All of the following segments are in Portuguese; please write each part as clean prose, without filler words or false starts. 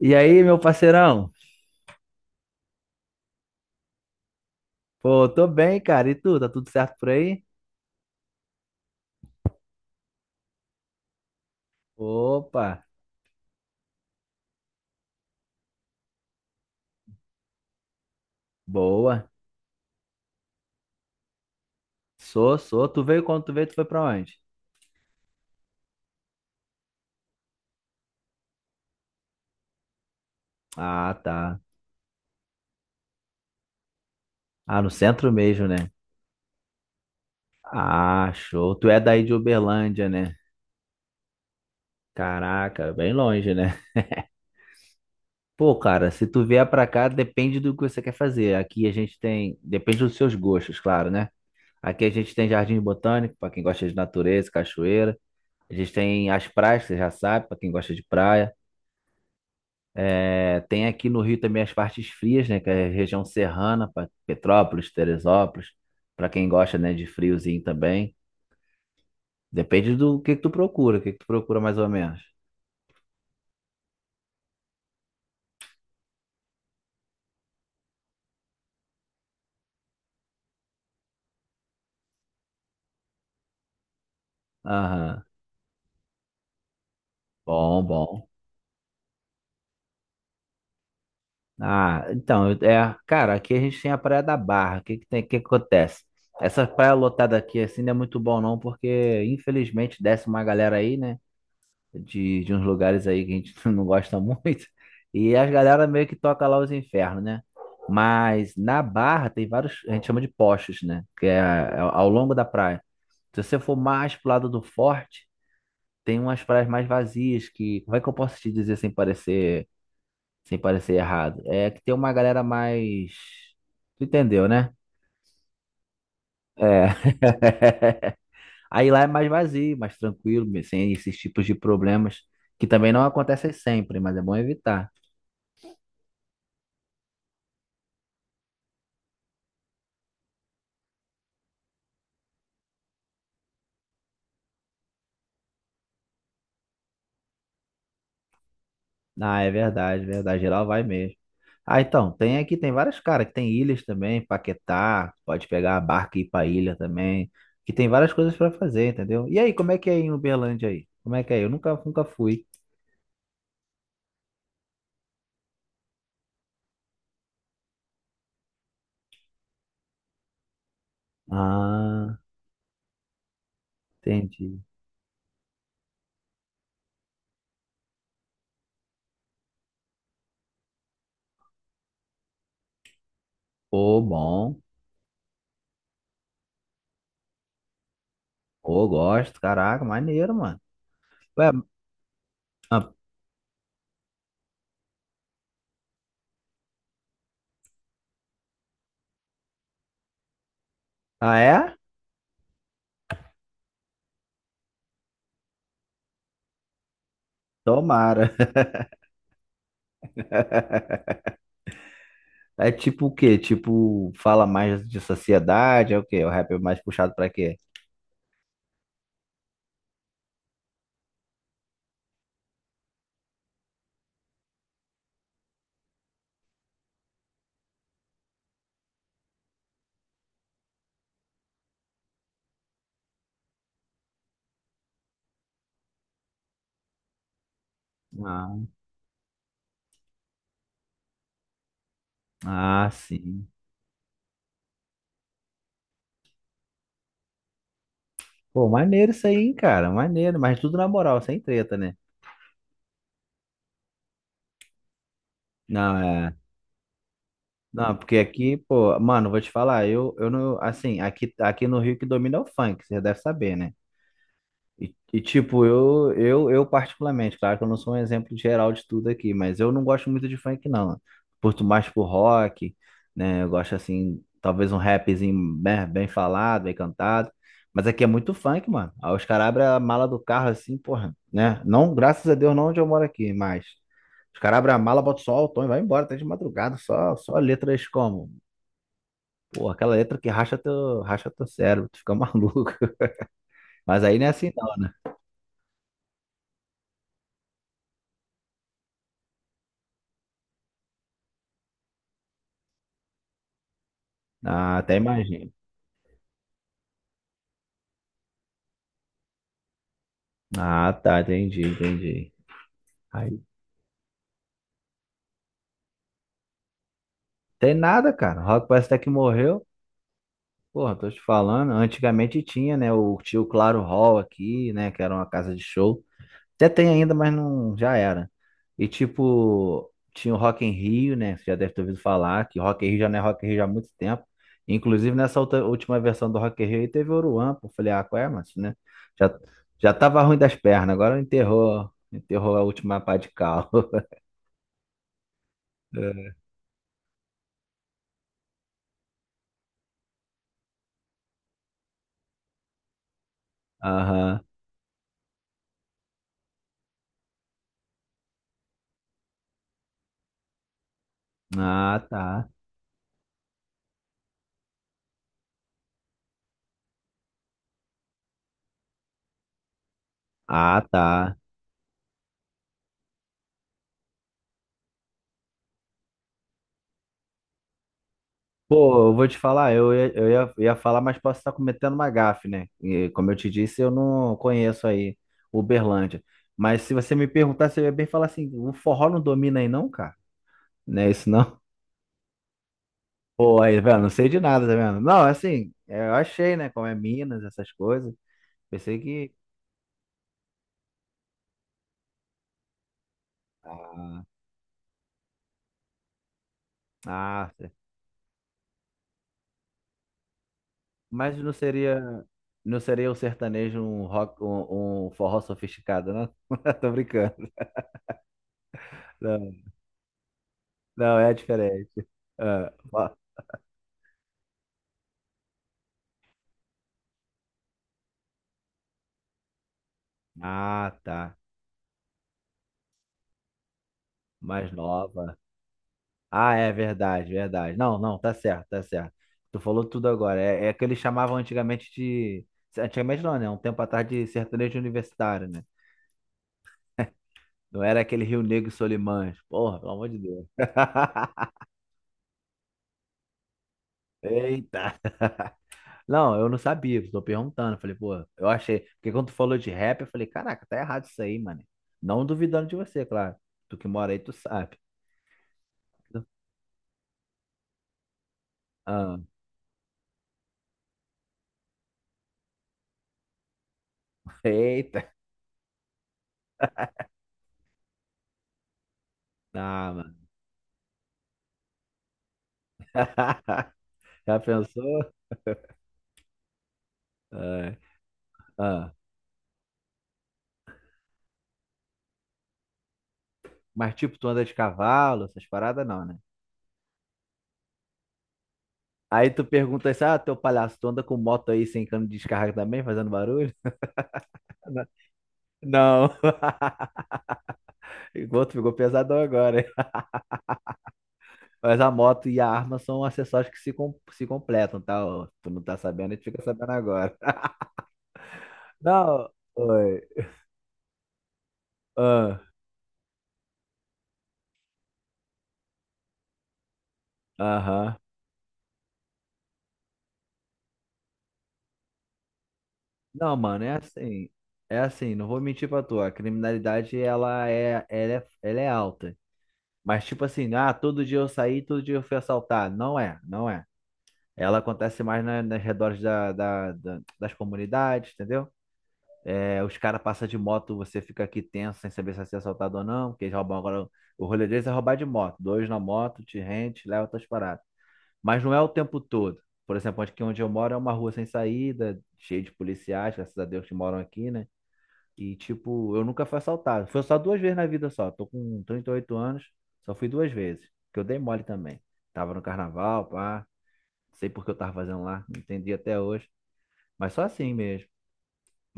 E aí, meu parceirão? Pô, tô bem, cara. E tu? Tá tudo certo por aí? Opa, boa. Sou, sou. Tu veio quando tu veio, tu foi pra onde? Ah, tá. Ah, no centro mesmo, né? Ah, show. Tu é daí de Uberlândia, né? Caraca, bem longe, né? Pô, cara, se tu vier pra cá, depende do que você quer fazer. Aqui a gente tem. Depende dos seus gostos, claro, né? Aqui a gente tem jardim botânico, pra quem gosta de natureza, cachoeira. A gente tem as praias, que você já sabe, pra quem gosta de praia. É, tem aqui no Rio também as partes frias, né? Que é a região serrana, Petrópolis, Teresópolis, para quem gosta, né, de friozinho também. Depende do que tu procura, o que que tu procura mais ou menos. Aham. Bom, bom. Ah, então, é, cara, aqui a gente tem a Praia da Barra. O que que tem, que acontece? Essa praia lotada aqui assim não é muito bom não, porque infelizmente desce uma galera aí, né? De uns lugares aí que a gente não gosta muito. E as galera meio que toca lá os infernos, né? Mas na Barra tem vários, a gente chama de postos, né? Que é ao longo da praia. Se você for mais pro lado do forte, tem umas praias mais vazias que, como é que eu posso te dizer sem parecer errado? É que tem uma galera mais, tu entendeu, né? É. Aí lá é mais vazio, mais tranquilo, sem esses tipos de problemas que também não acontecem sempre, mas é bom evitar. Ah, é verdade, verdade. Geral vai mesmo. Ah, então, tem aqui, tem várias, cara, que tem ilhas também, Paquetá, pode pegar a barca e ir pra ilha também, que tem várias coisas pra fazer, entendeu? E aí, como é que é em Uberlândia aí? Como é que é? Eu nunca, nunca fui. Ah, entendi. Pô, bom. Pô, gosto, caraca, maneiro, mano. Ué, ah, ah, é? Tomara. É tipo o quê? Tipo, fala mais de sociedade, é o quê? O rap é mais puxado pra quê? Ah, ah, sim. Pô, maneiro isso aí, hein, cara. Maneiro, mas tudo na moral, sem treta, né? Não, é. Não, porque aqui, pô, mano, vou te falar, eu não, assim, aqui no Rio que domina é o funk, você já deve saber, né? E, tipo, eu particularmente, claro que eu não sou um exemplo geral de tudo aqui, mas eu não gosto muito de funk, não. Curto mais pro rock, né? Eu gosto, assim, talvez um rapzinho bem, bem falado, bem cantado. Mas aqui é muito funk, mano. Aí os caras abrem a mala do carro assim, porra, né? Não, graças a Deus, não onde eu moro aqui, mas os caras abrem a mala, botam só o tom e vai embora, até de madrugada, só letras como, pô, aquela letra que racha teu cérebro, tu fica maluco. Mas aí não é assim, não, né? Ah, até imagino. Ah, tá, entendi, entendi. Aí, tem nada, cara. O rock parece até que morreu. Porra, tô te falando. Antigamente tinha, né? O tio Claro Hall aqui, né? Que era uma casa de show. Até tem ainda, mas não já era. E tipo, tinha o Rock em Rio, né? Você já deve ter ouvido falar que Rock em Rio já não é Rock in Rio já há muito tempo. Inclusive nessa última versão do Rock in Rio aí teve o Oruan, pô. Falei, ah, qual é, mas, né? Já, já tava ruim das pernas, agora enterrou a última pá de cal. É. Aham. Ah, tá. Ah, tá. Pô, eu vou te falar, ia falar, mas posso estar cometendo uma gafe, né? E, como eu te disse, eu não conheço aí Uberlândia. Mas se você me perguntar, você ia bem falar assim, o forró não domina aí não, cara? Não é isso não? Pô, aí, velho, não sei de nada, tá vendo? Não, assim, é, eu achei, né, como é Minas, essas coisas. Pensei que... Ah, ah, mas não seria o sertanejo um rock, um forró sofisticado, não? Tô brincando. Não, é diferente. Ah, ó. Ah, tá. Mais nova. Ah, é verdade, verdade. Não, não, tá certo, tá certo. Tu falou tudo agora. É que eles chamavam antigamente de. Antigamente não, né? Um tempo atrás de sertanejo universitário, né? Não era aquele Rio Negro e Solimões. Porra, pelo amor de Deus. Eita. Não, eu não sabia, tô perguntando. Falei, pô, eu achei. Porque quando tu falou de rap, eu falei, caraca, tá errado isso aí, mano. Não duvidando de você, claro. Tu que mora aí, tu sabe. Ah. Eita. Ah, mano. Já pensou? É. Ah. Mas tipo, tu anda de cavalo, essas paradas não, né? Aí tu pergunta assim, ah, teu palhaço, tu anda com moto aí sem cano de descarga também, fazendo barulho? Não. O outro ficou pesadão agora, hein? Mas a moto e a arma são acessórios que se completam, tá? Ó, tu não tá sabendo, a gente fica sabendo agora. Não, oi. Ah, aham. Não, mano, é assim. É assim, não vou mentir pra tu. A criminalidade, ela é alta. Mas tipo assim, ah, todo dia eu saí, todo dia eu fui assaltado. Não é, não é. Ela acontece mais na, nas redores da, da- da- das comunidades, entendeu? É, os caras passam de moto, você fica aqui tenso, sem saber se vai ser assaltado ou não, porque eles roubam agora. O rolê deles é roubar de moto. Dois na moto, te rente, leva tuas paradas. Mas não é o tempo todo. Por exemplo, aqui onde eu moro é uma rua sem saída, cheia de policiais, graças a Deus que moram aqui, né? E, tipo, eu nunca fui assaltado. Fui assaltado duas vezes na vida só. Tô com 38 anos, só fui duas vezes. Que eu dei mole também. Tava no carnaval, pá. Sei por que eu tava fazendo lá, não entendi até hoje. Mas só assim mesmo.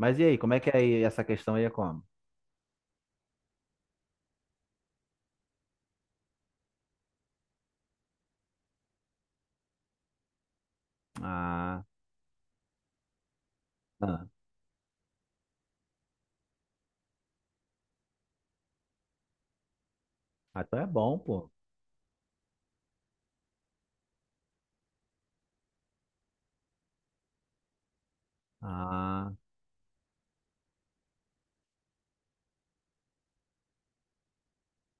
Mas e aí, como é que é aí essa questão aí é como? Ah, ah, ah, então é bom, pô. Ah.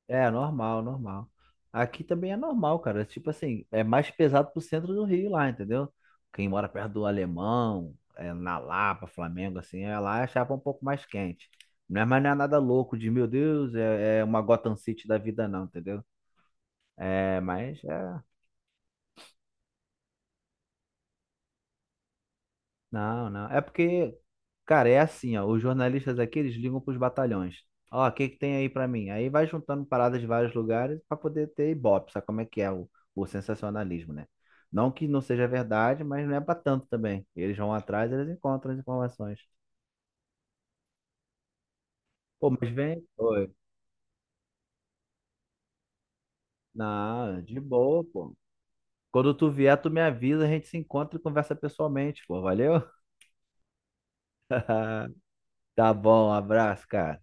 É, normal, normal. Aqui também é normal, cara. Tipo assim, é mais pesado pro centro do Rio lá, entendeu? Quem mora perto do Alemão, é, na Lapa, Flamengo, assim, é lá a chapa um pouco mais quente. Não é, mas não é nada louco de, meu Deus, é uma Gotham City da vida, não, entendeu? É, mas é. Não, não. É porque, cara, é assim, ó. Os jornalistas aqui, eles ligam pros batalhões. Ó, o que que tem aí pra mim? Aí vai juntando paradas de vários lugares pra poder ter ibope, sabe como é que é o sensacionalismo, né? Não que não seja verdade, mas não é pra tanto também. Eles vão atrás, eles encontram as informações. Pô, mas vem. Oi. Não, de boa, pô. Quando tu vier, tu me avisa, a gente se encontra e conversa pessoalmente, pô. Valeu? Tá bom, um abraço, cara.